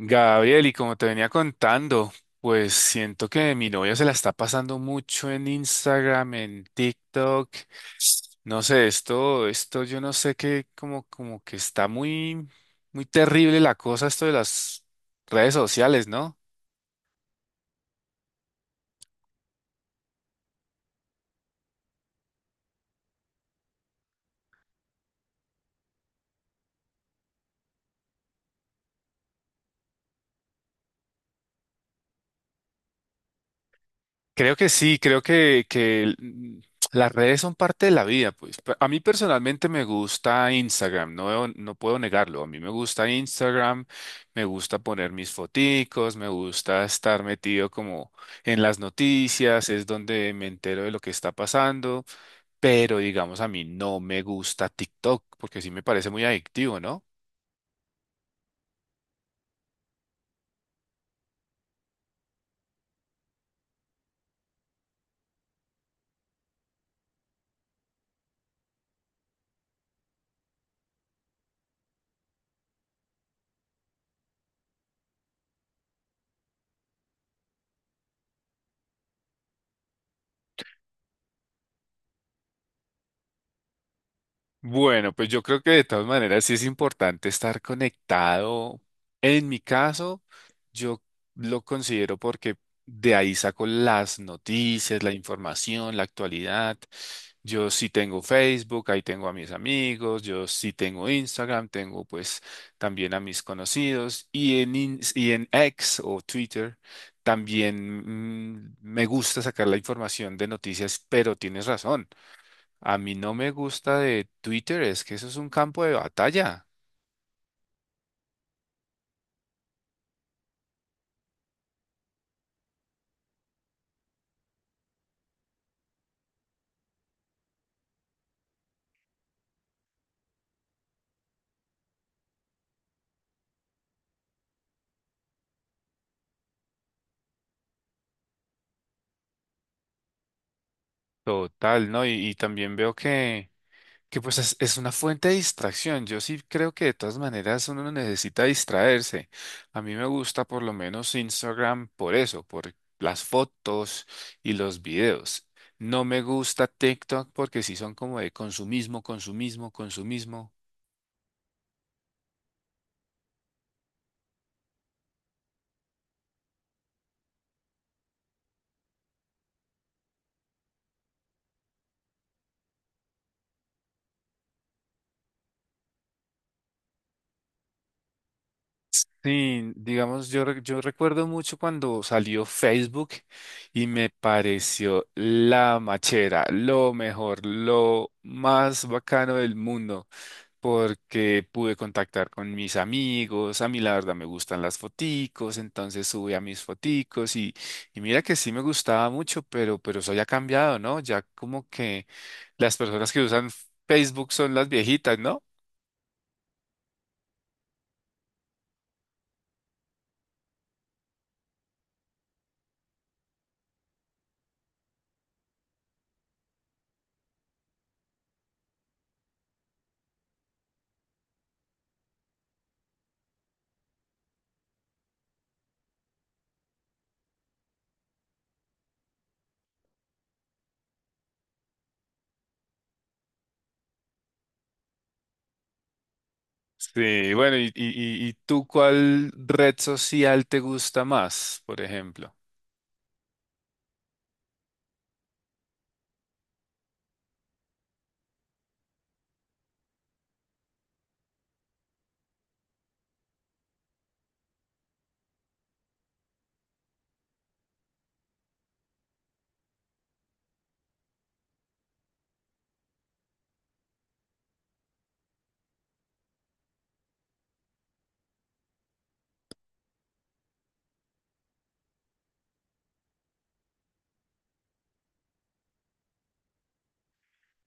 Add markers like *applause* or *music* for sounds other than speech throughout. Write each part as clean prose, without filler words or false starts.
Gabriel, y como te venía contando, pues siento que mi novia se la está pasando mucho en Instagram, en TikTok. No sé, esto yo no sé qué, como que está muy terrible la cosa, esto de las redes sociales, ¿no? Creo que sí, creo que las redes son parte de la vida, pues. A mí personalmente me gusta Instagram, no, no puedo negarlo. A mí me gusta Instagram, me gusta poner mis foticos, me gusta estar metido como en las noticias, es donde me entero de lo que está pasando, pero digamos a mí no me gusta TikTok, porque sí me parece muy adictivo, ¿no? Bueno, pues yo creo que de todas maneras sí es importante estar conectado. En mi caso, yo lo considero porque de ahí saco las noticias, la información, la actualidad. Yo sí tengo Facebook, ahí tengo a mis amigos, yo sí tengo Instagram, tengo pues también a mis conocidos y en X o Twitter también me gusta sacar la información de noticias, pero tienes razón. A mí no me gusta de Twitter, es que eso es un campo de batalla total, ¿no? Y también veo que pues es una fuente de distracción. Yo sí creo que de todas maneras uno no necesita distraerse. A mí me gusta por lo menos Instagram por eso, por las fotos y los videos. No me gusta TikTok porque sí son como de consumismo, consumismo, consumismo. Sí, digamos, yo recuerdo mucho cuando salió Facebook y me pareció la machera, lo mejor, lo más bacano del mundo, porque pude contactar con mis amigos, a mí la verdad me gustan las foticos, entonces subí a mis foticos y mira que sí me gustaba mucho, pero eso ya ha cambiado, ¿no? Ya como que las personas que usan Facebook son las viejitas, ¿no? Sí, bueno, y tú ¿cuál red social te gusta más, por ejemplo?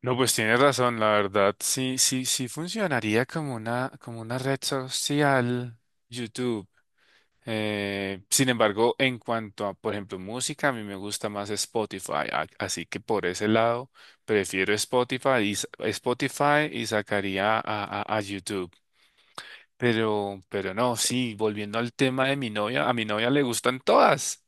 No, pues tienes razón, la verdad, sí, sí, sí funcionaría como una red social, YouTube. Sin embargo, en cuanto a, por ejemplo, música, a mí me gusta más Spotify, así que por ese lado prefiero Spotify Spotify y sacaría a YouTube. Pero no, sí, volviendo al tema de mi novia, a mi novia le gustan todas.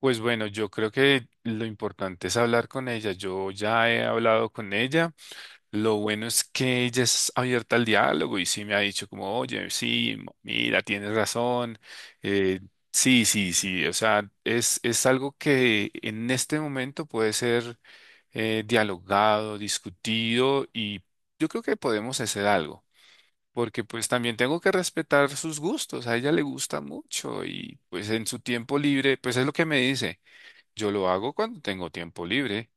Pues bueno, yo creo que lo importante es hablar con ella. Yo ya he hablado con ella. Lo bueno es que ella es abierta al diálogo y sí me ha dicho como, oye, sí, mira, tienes razón. Eh, sí, sí, sí. O sea, es algo que en este momento puede ser dialogado, discutido y yo creo que podemos hacer algo. Porque pues también tengo que respetar sus gustos. A ella le gusta mucho y pues en su tiempo libre, pues es lo que me dice. Yo lo hago cuando tengo tiempo libre.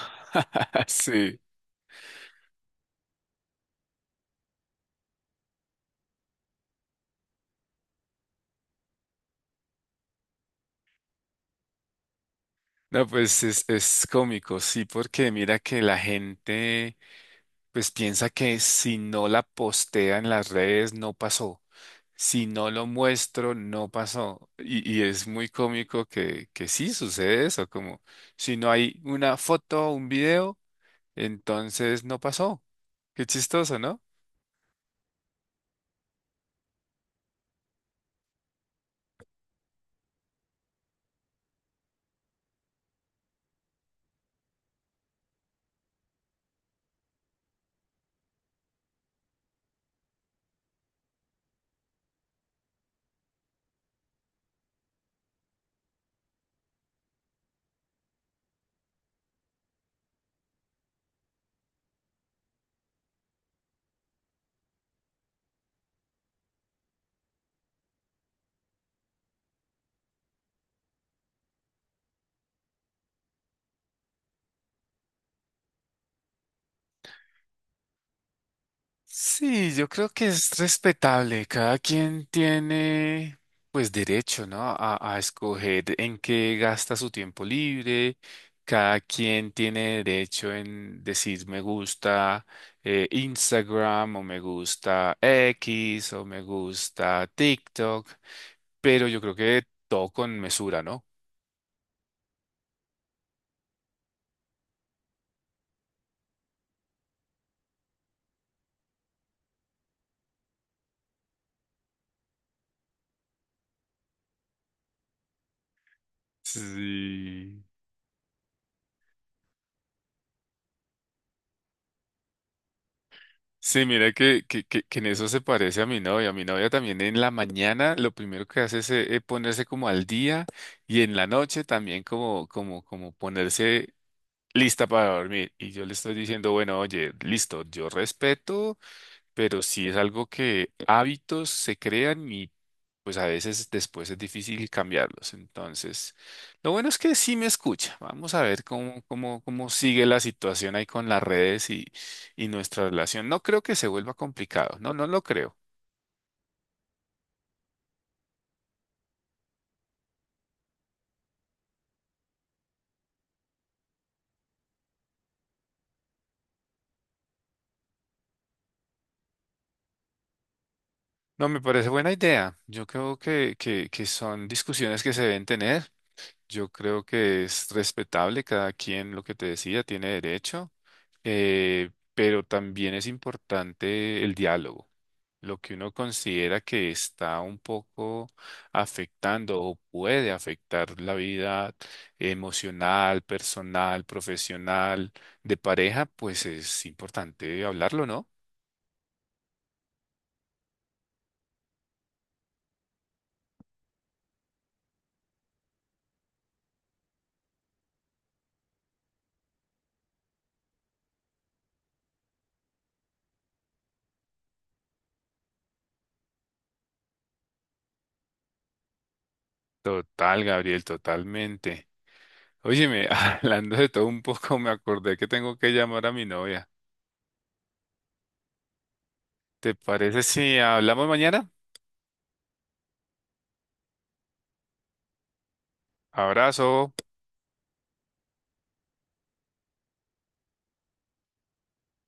*laughs* Sí. No, pues es cómico, sí, porque mira que la gente pues piensa que si no la postea en las redes no pasó. Si no lo muestro, no pasó. Y es muy cómico que sí sucede eso, como si no hay una foto o un video, entonces no pasó. Qué chistoso, ¿no? Sí, yo creo que es respetable. Cada quien tiene, pues, derecho, ¿no? A escoger en qué gasta su tiempo libre. Cada quien tiene derecho en decir me gusta Instagram o me gusta X o me gusta TikTok, pero yo creo que todo con mesura, ¿no? Sí. Sí, mira que en eso se parece a mi novia. Mi novia también en la mañana lo primero que hace es ponerse como al día y en la noche también como ponerse lista para dormir. Y yo le estoy diciendo, bueno, oye, listo, yo respeto, pero si es algo que hábitos se crean pues a veces después es difícil cambiarlos. Entonces, lo bueno es que sí me escucha. Vamos a ver cómo sigue la situación ahí con las redes y nuestra relación. No creo que se vuelva complicado. No, no lo creo. No, me parece buena idea. Yo creo que son discusiones que se deben tener. Yo creo que es respetable cada quien lo que te decía, tiene derecho, pero también es importante el diálogo. Lo que uno considera que está un poco afectando o puede afectar la vida emocional, personal, profesional, de pareja, pues es importante hablarlo, ¿no? Total, Gabriel, totalmente. Óyeme, *laughs* hablando de todo un poco, me acordé que tengo que llamar a mi novia. ¿Te parece si hablamos mañana? Abrazo.